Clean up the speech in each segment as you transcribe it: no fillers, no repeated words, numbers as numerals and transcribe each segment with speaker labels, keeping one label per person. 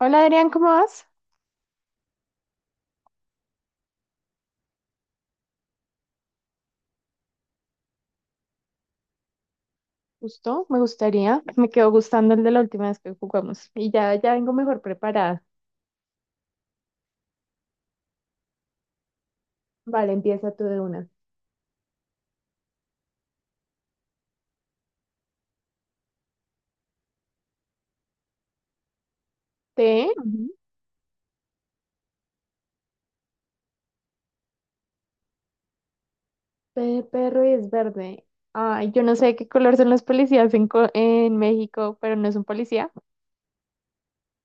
Speaker 1: Hola Adrián, ¿cómo vas? Justo, me gustaría. Me quedó gustando el de la última vez que jugamos. Y ya vengo mejor preparada. Vale, empieza tú de una. T, ujú. P de perro y es verde. Ay, yo no sé de qué color son los policías en, en México, pero no es un policía.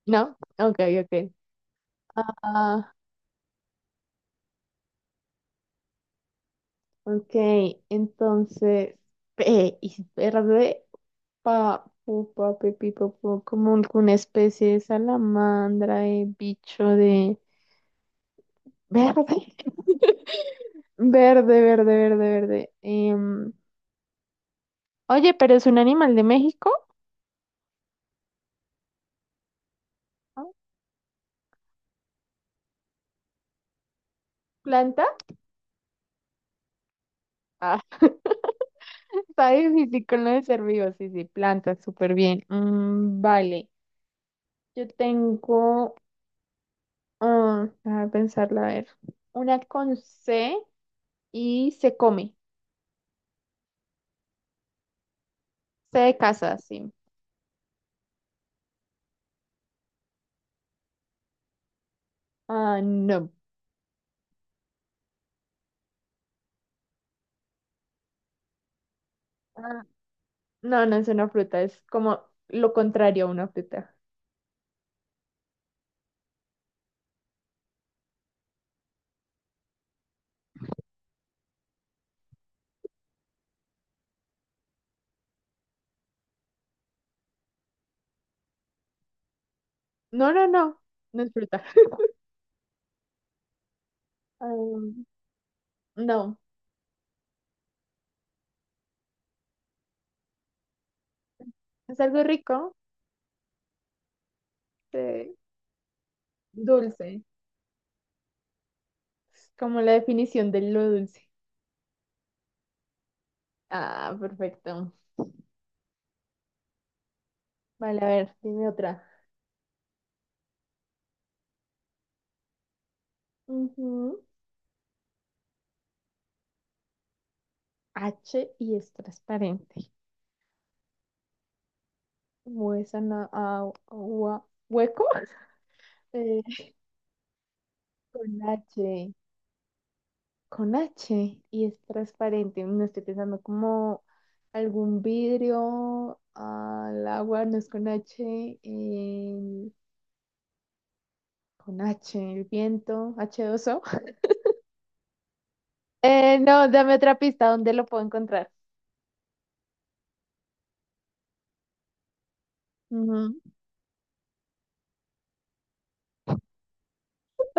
Speaker 1: ¿No? Ok, ok. Ah, ok. Entonces, P y es verde. Pa, pu, pa, pe, pi, po, po, como una especie de salamandra, de bicho de verde. Verde, verde, verde, verde. Oye, pero es un animal de México. ¿Ah? ¿Planta? Ah, está difícil con lo de ser vivo. Sí, sí, planta, súper bien. Mm, vale, yo tengo. Ah, déjame pensarla, a ver. Una con C y se come. C de casa, sí. Ah, no. Ah, no, no es una fruta, es como lo contrario a una fruta. No, no, no, no es fruta. Ah, no, es algo rico. Sí. Dulce. Como la definición de lo dulce. Ah, perfecto. Vale, a ver, dime otra. Ujú. H y es transparente. Huesa na- ah, hua- hueco. Eh, con H. Con H y es transparente. No estoy pensando como algún vidrio al agua, no es con H. Con H, el viento, h dos o… no, dame otra pista, ¿dónde lo puedo encontrar?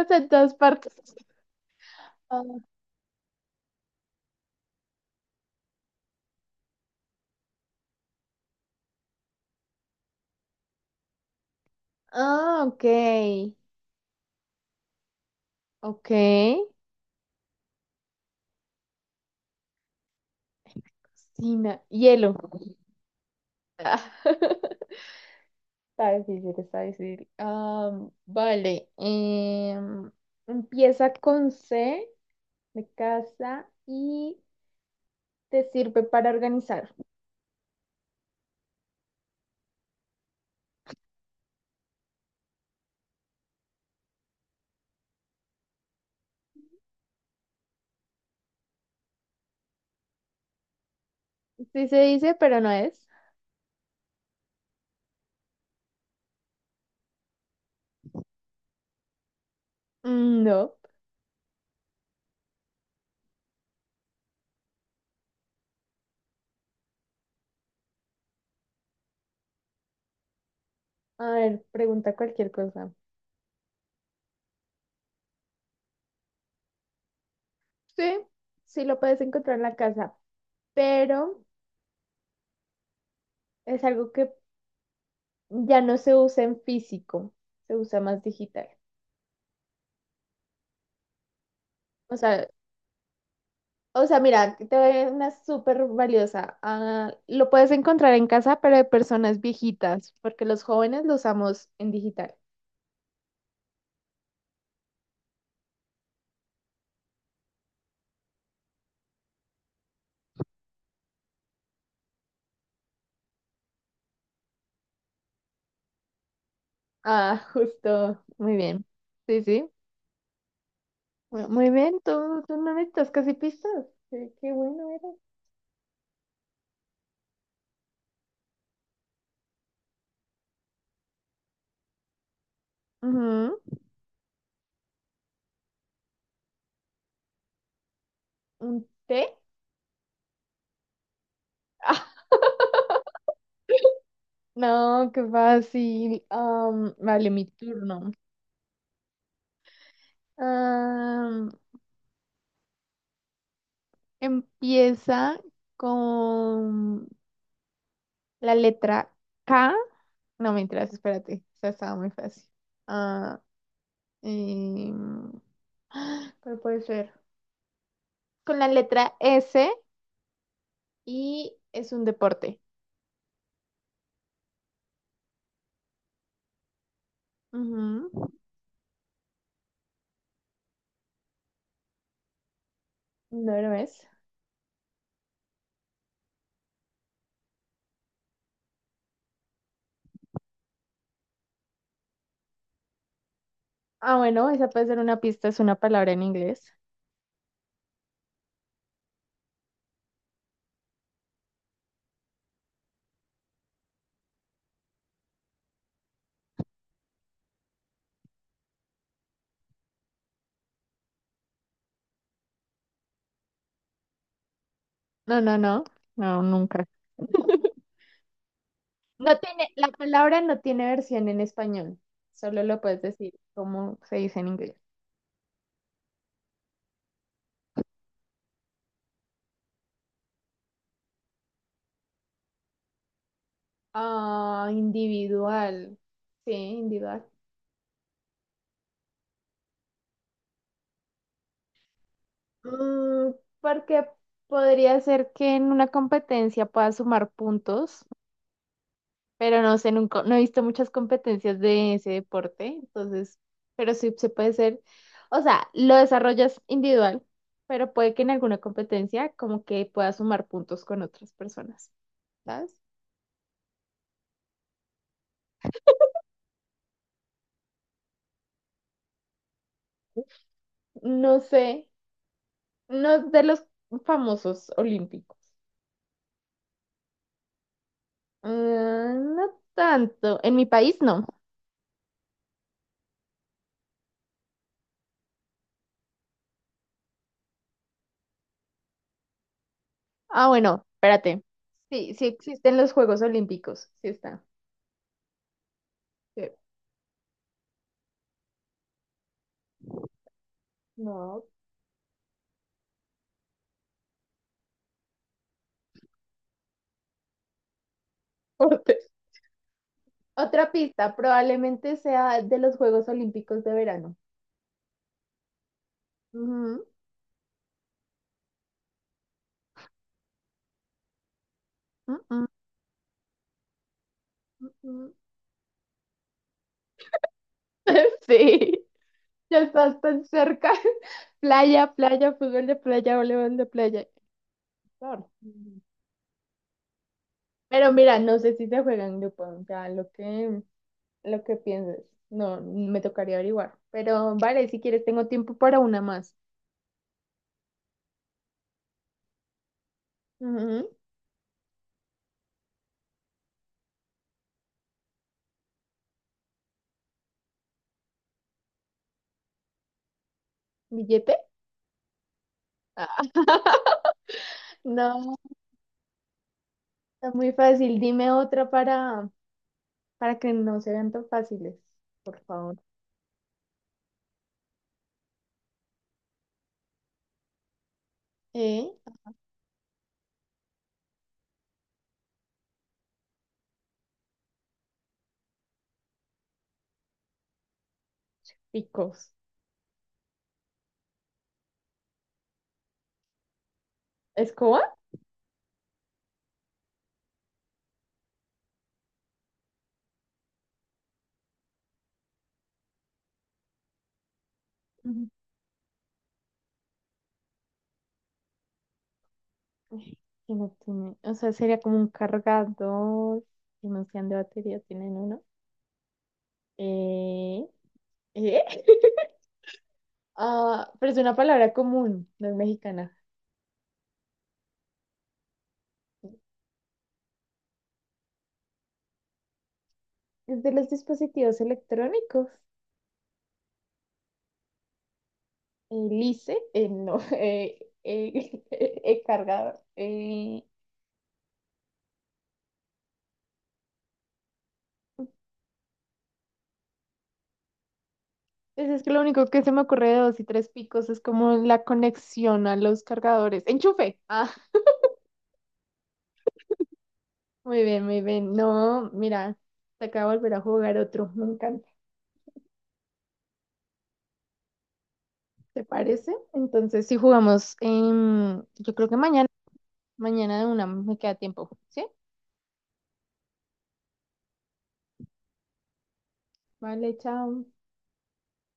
Speaker 1: O sea, en todas partes. Ah, ah, ok. Ok. Cocina. Hielo. Ah, está difícil, está difícil. Vale. Empieza con C de casa y te sirve para organizar. Sí se dice, pero no es. Mm, no. A ver, pregunta cualquier cosa. Sí, sí lo puedes encontrar en la casa, pero es algo que ya no se usa en físico, se usa más digital. O sea, o sea, mira, aquí te doy una súper valiosa. Ah, lo puedes encontrar en casa, pero de personas viejitas, porque los jóvenes lo usamos en digital. Ah, justo. Muy bien. Sí, sí. Muy bien, tú no necesitas casi pistas. Qué bueno eres. Ujú. ¿Un té? Ah, no, qué fácil. Vale, mi turno. Empieza con la letra K. No, mentiras, espérate. Esa estaba muy fácil. Ah, em, ¿cuál puede ser? Con la letra S y es un deporte. Ujú. No lo es. Ah, bueno, esa puede ser una pista, es una palabra en inglés. No, no, no. No, nunca. No tiene, la palabra no tiene versión en español. Solo lo puedes decir como se dice en inglés. Ah, individual. Sí, individual. Mm, porque podría ser que en una competencia pueda sumar puntos, pero no sé, nunca, no he visto muchas competencias de ese deporte, entonces, pero sí se puede ser, o sea, lo desarrollas individual, pero puede que en alguna competencia como que pueda sumar puntos con otras personas, ¿sabes? No sé, no es de los famosos olímpicos. Ah, no tanto, en mi país no. Ah, bueno, espérate. Sí, sí existen los Juegos Olímpicos. Sí está. Sí. No, deportes. Otra pista, probablemente sea de los Juegos Olímpicos de verano. Ujú, ujú, ujú. Sí, ya estás tan cerca. Playa, playa, fútbol de playa, voleibol de playa. Claro. Pero mira, no sé si se juega en grupo, o sea, lo que pienses. No, me tocaría averiguar. Pero vale, si quieres, tengo tiempo para una más. Ujú. ¿Billete? No, está muy fácil. Dime otra para que no se vean tan fáciles, por favor. ¿Eh? Picos. ¿Escoba? Ujú. Ay, que no tiene, o sea, sería como un cargador. Que no sean de batería, tienen uno. ¿Eh? ¿Eh? Ah, pero es una palabra común, no es mexicana. Es de los dispositivos electrónicos. El ICE, no, cargador. Pues es que lo único que se me ocurre de dos y tres picos es como la conexión a los cargadores. ¡Enchufe! Ah, muy bien, muy bien. No, mira, te acabo de volver a jugar otro. Me encanta. ¿Te parece? Entonces, si jugamos, yo creo que mañana, mañana de una me queda tiempo. ¿Sí? Vale, chao.